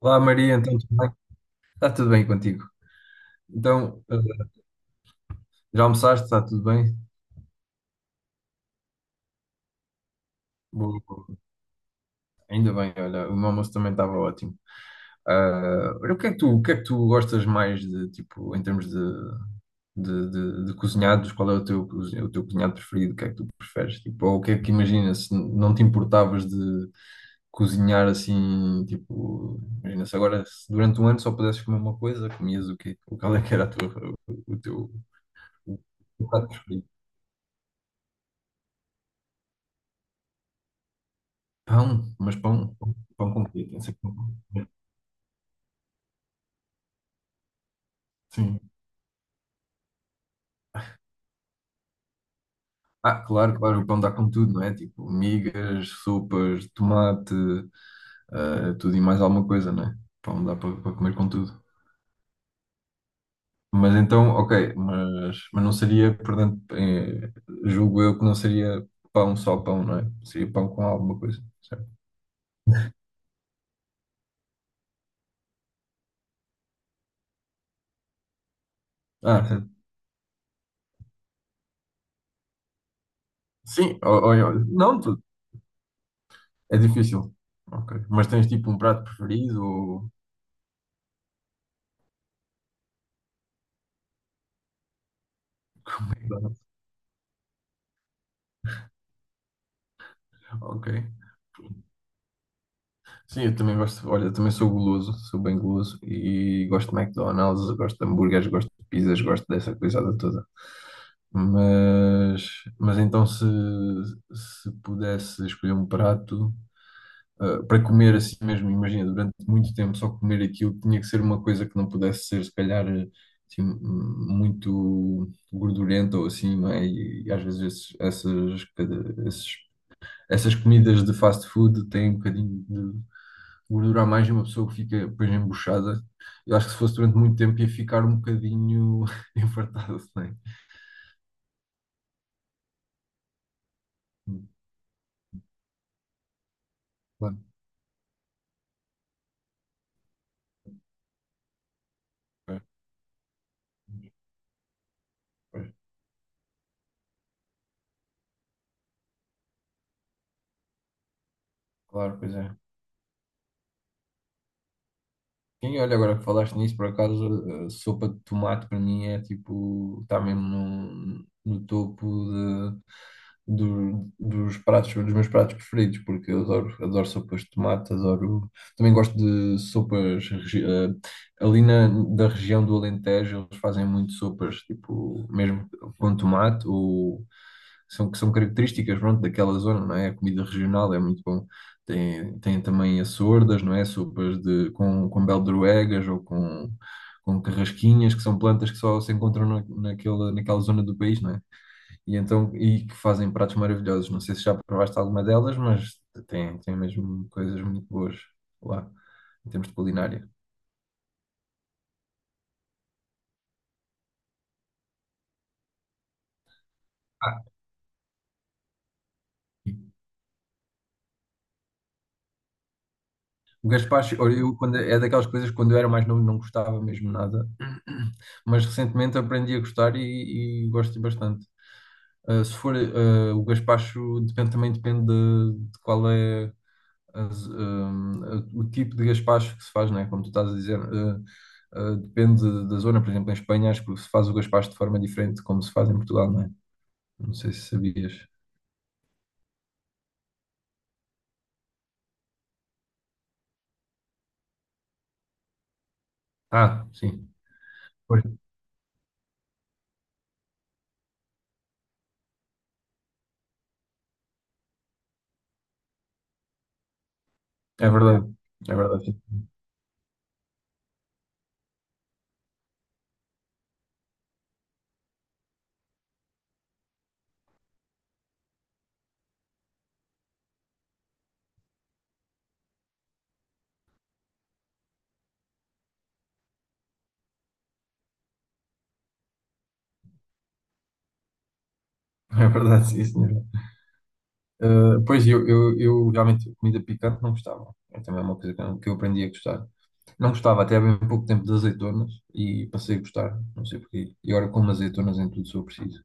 Olá Maria, então tudo bem? Está tudo bem contigo? Então, já almoçaste? Está tudo bem? Boa, boa. Ainda bem, olha, o meu almoço também estava ótimo. Ah, olha, o que é que tu gostas mais de, tipo, em termos de cozinhados? Qual é o teu, o teu cozinhado preferido? O que é que tu preferes? Tipo, ou o que é que imagina se não te importavas de cozinhar assim, tipo, imagina se agora, se durante um ano só pudesses comer uma coisa, comias o quê? Qual é que era a tua, o, o teu o teu prato preferido? Pão, mas pão, pão com quê? Tem que ser pão com quê? Sim. Ah, claro, claro, o pão dá com tudo, não é? Tipo, migas, sopas, tomate, ah, tudo e mais alguma coisa, não é? Pão dá para comer com tudo. Mas então, ok, mas não seria, portanto, julgo eu que não seria pão só pão, não é? Seria pão com alguma coisa, certo? Ah, certo. Sim, não, é difícil. Ok, mas tens tipo um prato preferido ou... Ok. Sim, eu também gosto, olha, eu também sou guloso, sou bem guloso e gosto de McDonald's, gosto de hambúrgueres, gosto de pizzas, gosto dessa coisada toda. Mas, mas então se pudesse escolher um prato, ah, para comer assim mesmo, imagina, durante muito tempo só comer aquilo, tinha que ser uma coisa que não pudesse ser, se calhar, assim, muito gordurenta ou assim, não é? E às vezes essas comidas de fast food têm um bocadinho gordura a mais e uma pessoa que fica depois embuchada. Eu acho que se fosse durante muito tempo ia ficar um bocadinho infartada também. Claro, pois, pois, claro, pois é. Quem olha agora que falaste nisso, por acaso, a sopa de tomate para mim é tipo, está mesmo no topo dos pratos, dos meus pratos preferidos, porque eu adoro, adoro sopas de tomate, adoro. Também gosto de sopas. Ali da região do Alentejo, eles fazem muito sopas, tipo, mesmo com tomate, ou são, que são características, pronto, daquela zona, não é? A comida regional é muito bom. Tem, tem também as sordas, não é? Sopas com beldroegas ou com. Com carrasquinhas, que são plantas que só se encontram naquela, naquela zona do país, não é? E então, e que fazem pratos maravilhosos. Não sei se já provaste alguma delas, mas tem, tem mesmo coisas muito boas lá, em termos de culinária. Ah, o gaspacho, olha, é daquelas coisas que quando eu era mais novo não gostava mesmo nada, mas recentemente aprendi a gostar e gosto bastante. Ah, se for, ah, o gaspacho depende, também depende de qual é. as, hum, o tipo de gaspacho que se faz, né? Como tu estás a dizer, depende da zona. Por exemplo, em Espanha acho que se faz o gaspacho de forma diferente de como se faz em Portugal, não é? Não sei se sabias. Ah, sim. Pois. É verdade. É verdade, sim. É verdade, sim, senhor. Pois, eu realmente, comida picante não gostava. É também uma coisa que eu aprendi a gostar. Não gostava até há bem pouco tempo de azeitonas e passei a gostar, não sei porquê. E agora como azeitonas em tudo se eu preciso.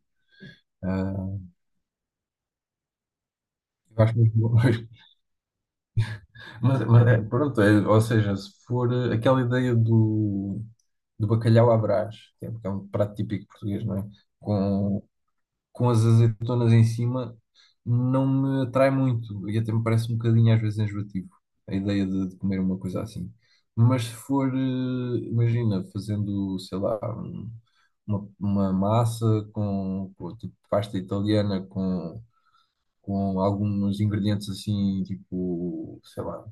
Ah, eu acho muito bom. Mas é, pronto, é, ou seja, se for aquela ideia do bacalhau à Brás, que é um prato típico português, não é? Com, com as azeitonas em cima, não me atrai muito e até me parece um bocadinho às vezes enjoativo a ideia de comer uma coisa assim. Mas se for, imagina, fazendo, sei lá, uma massa com tipo pasta italiana com alguns ingredientes assim, tipo, sei lá,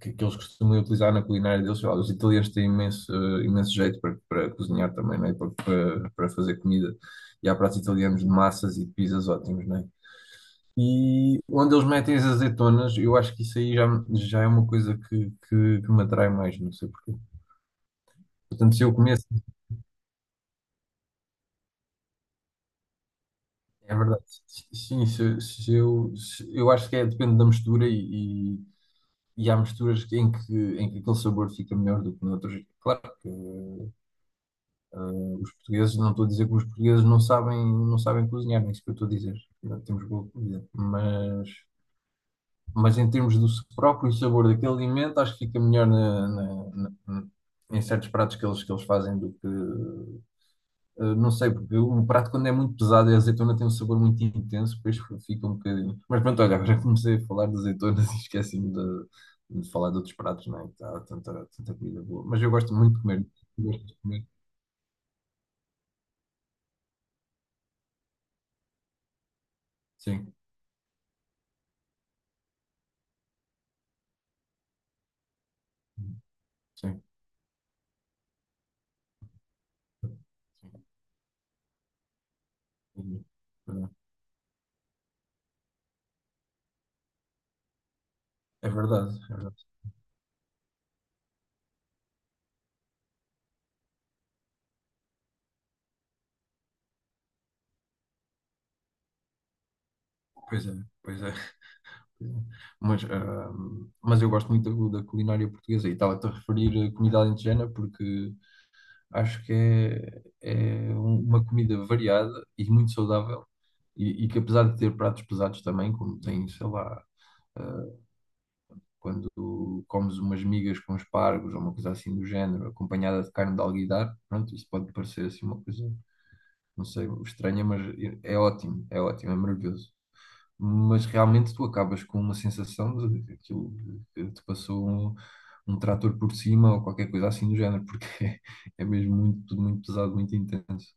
que eles costumam utilizar na culinária deles. Sei lá, os italianos têm imenso, imenso jeito para cozinhar também, né? Para fazer comida. E há pratos italianos de massas e de pizzas ótimos, né? E onde eles metem as azeitonas, eu acho que isso aí já, já é uma coisa que me atrai mais, não sei porquê. Portanto, se eu começo, é verdade, sim, eu acho que é, depende da mistura e há misturas em que aquele sabor fica melhor do que noutros. Claro que eh, os portugueses, não estou a dizer que os portugueses não sabem, não sabem cozinhar, nem é isso que eu estou a dizer. Não temos boa comida. Mas em termos do próprio sabor daquele alimento, acho que fica melhor em certos pratos que eles fazem do que, uh, não sei, porque um prato quando é muito pesado e a azeitona tem um sabor muito intenso, depois fica um bocadinho. Mas pronto, olha, agora comecei a falar de azeitonas e esqueci-me de falar de outros pratos, não é? Que há tanta, tanta comida boa. Mas eu gosto muito de comer. Gosto de comer. Sim, sim, sim. É verdade, é verdade. Pois é, pois é. Mas, ah, mas eu gosto muito da culinária portuguesa e estava-te a referir a comida alentejana porque acho que é, é uma comida variada e muito saudável. E que apesar de ter pratos pesados também, como tem, sei lá, eh, quando comes umas migas com espargos ou uma coisa assim do género, acompanhada de carne de alguidar, pronto, isso pode parecer assim uma coisa, não sei, estranha, mas é ótimo, é ótimo, é maravilhoso mas realmente tu acabas com uma sensação de que aquilo que te passou um trator por cima ou qualquer coisa assim do género, porque é mesmo muito, tudo muito pesado, muito intenso.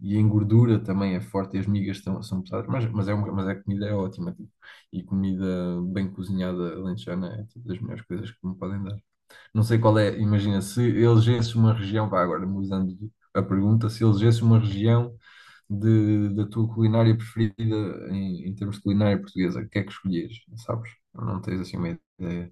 E a engordura também é forte, e as migas são pesadas, mas a comida é ótima, tipo, e comida bem cozinhada alentejana é tipo, das melhores coisas que me podem dar. Não sei qual é, imagina, se elegesse uma região, vá agora mudando a pergunta, se elegesse uma região da tua culinária preferida em termos de culinária portuguesa, o que é que escolhias? Sabes? Não tens assim uma ideia.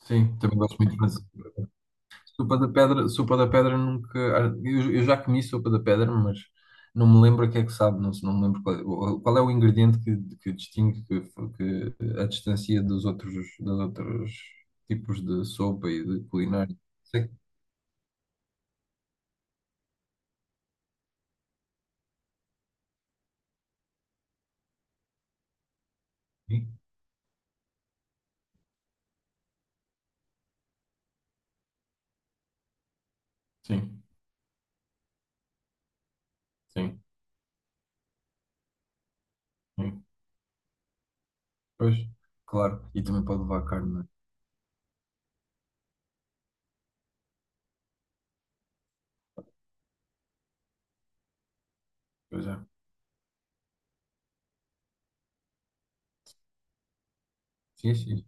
Sim, também gosto muito de fazer. Sopa da pedra nunca. Ah, eu já comi sopa da pedra, mas não me lembro a que é que sabe, não, não me lembro qual é o ingrediente que distingue que a distancia dos outros tipos de sopa e de culinária. Sei Sim, sim, sim. Pois, claro. E também pode levar carne, não é? Pois é. Sim, sim.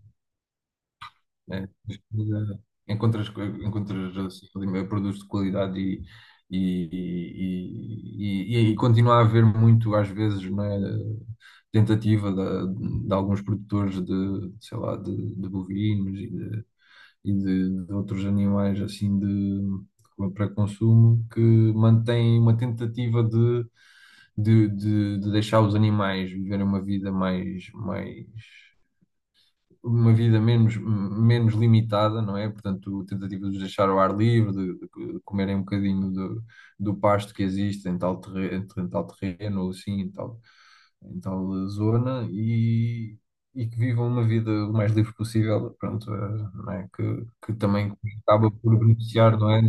É, encontras, encontras assim, ali, produtos de qualidade e, e continua a haver muito, às vezes, não é, tentativa de alguns produtores de, sei lá, de bovinos de outros animais assim de, para consumo que mantém uma tentativa de deixar os animais viverem uma vida mais, mais uma vida menos, menos limitada, não é? Portanto, tentativa de deixar ao ar livre, de comerem um bocadinho do pasto que existe em tal terreno ou assim, em tal zona, e que vivam uma vida o mais livre possível, pronto, não é? Que também acaba por beneficiar, não é?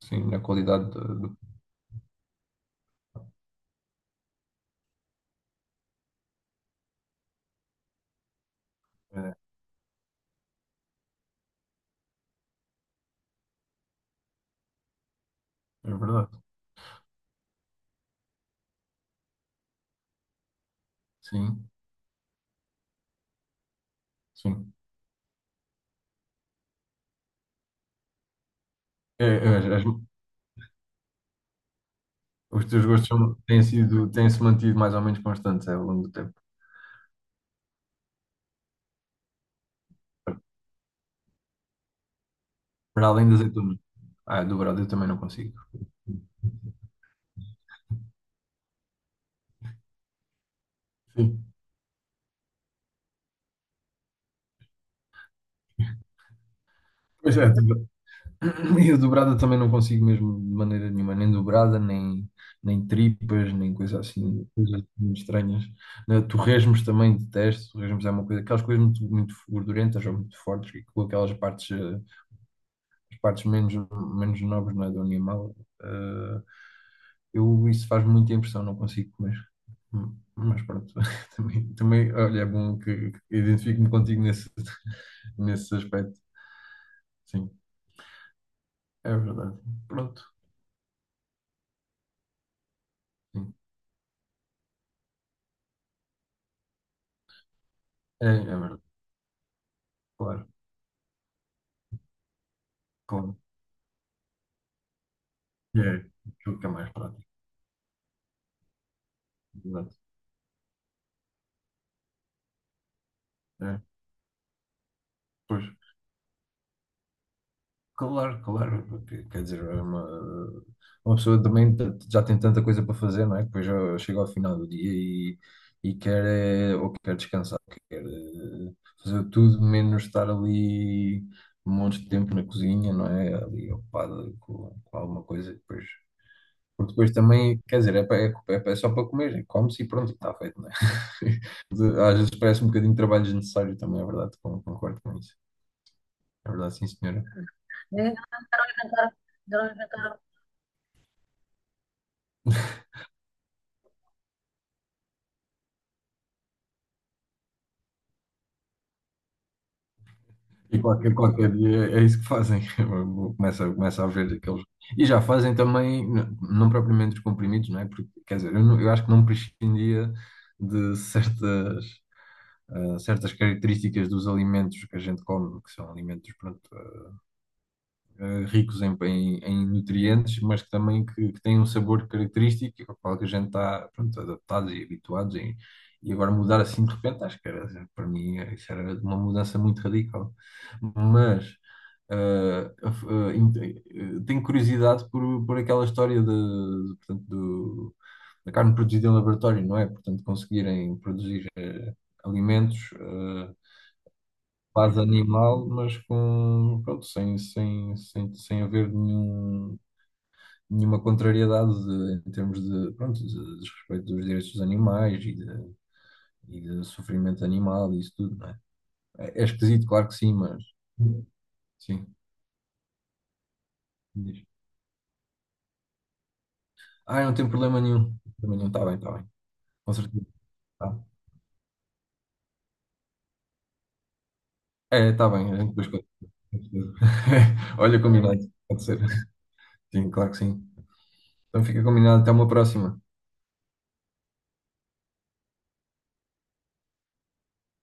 Sim, na qualidade do... É, é verdade, sim, sim. É, é, as- os teus gostos têm sido, têm-se mantido mais ou menos constantes, é, ao longo do tempo. Para além das azeitonas. Ah, dobrada eu também não consigo. Sim. Pois é, hum. E a dobrada também não consigo mesmo de maneira nenhuma, nem dobrada, nem, nem tripas, nem coisa assim, coisas muito estranhas. Né, torresmos também detesto, torresmos é uma coisa, aquelas coisas muito, muito gordurentas ou muito fortes, e com aquelas partes partes menos, menos nobres, não é, do animal, eh, isso faz muita impressão, não consigo comer. Mas pronto, também, também, olha, é bom que identifico-me contigo nesse, nesse aspecto. Sim, é verdade. Pronto, sim, é, é verdade, claro, claro. É aquilo que é mais prático. Exato. É, pois. Claro, claro, porque, quer dizer, é uma pessoa também já tem tanta coisa para fazer, não é? Depois já chega ao final do dia e quer, é, ou quer descansar, quer fazer tudo menos estar ali um monte de tempo na cozinha, não é? Ali ocupado com alguma coisa, e depois, porque depois também, quer dizer, é só para comer, é, come-se e pronto, está feito, não é? Às vezes parece um bocadinho de trabalho desnecessário também, é verdade, concordo com isso. É verdade, sim, senhora. E qualquer, qualquer dia é isso que fazem. Começa, começa a ver aqueles. E já fazem também, não propriamente os comprimidos, não é? Porque, quer dizer, eu acho que não prescindia de certas, ah, certas características dos alimentos que a gente come, que são alimentos, pronto, ricos em, em nutrientes, mas que também que têm um sabor característico ao qual que a gente está pronto, adaptados e habituados. E agora mudar assim de repente, acho que era, para mim isso era uma mudança muito radical. Mas tenho curiosidade por aquela história portanto, da carne produzida em laboratório, não é? Portanto, conseguirem produzir alimentos. Quase animal, mas com, pronto, sem haver nenhum, nenhuma contrariedade em termos de, pronto, de respeito dos direitos dos animais e de sofrimento animal e isso tudo, não é? É, é esquisito, claro que sim, mas sim, diz. Ah, não tem problema nenhum, está bem, com certeza. Tá. É, está bem, a gente depois conta. Olha, combinado, pode ser. Sim, claro que sim. Então fica combinado, até uma próxima.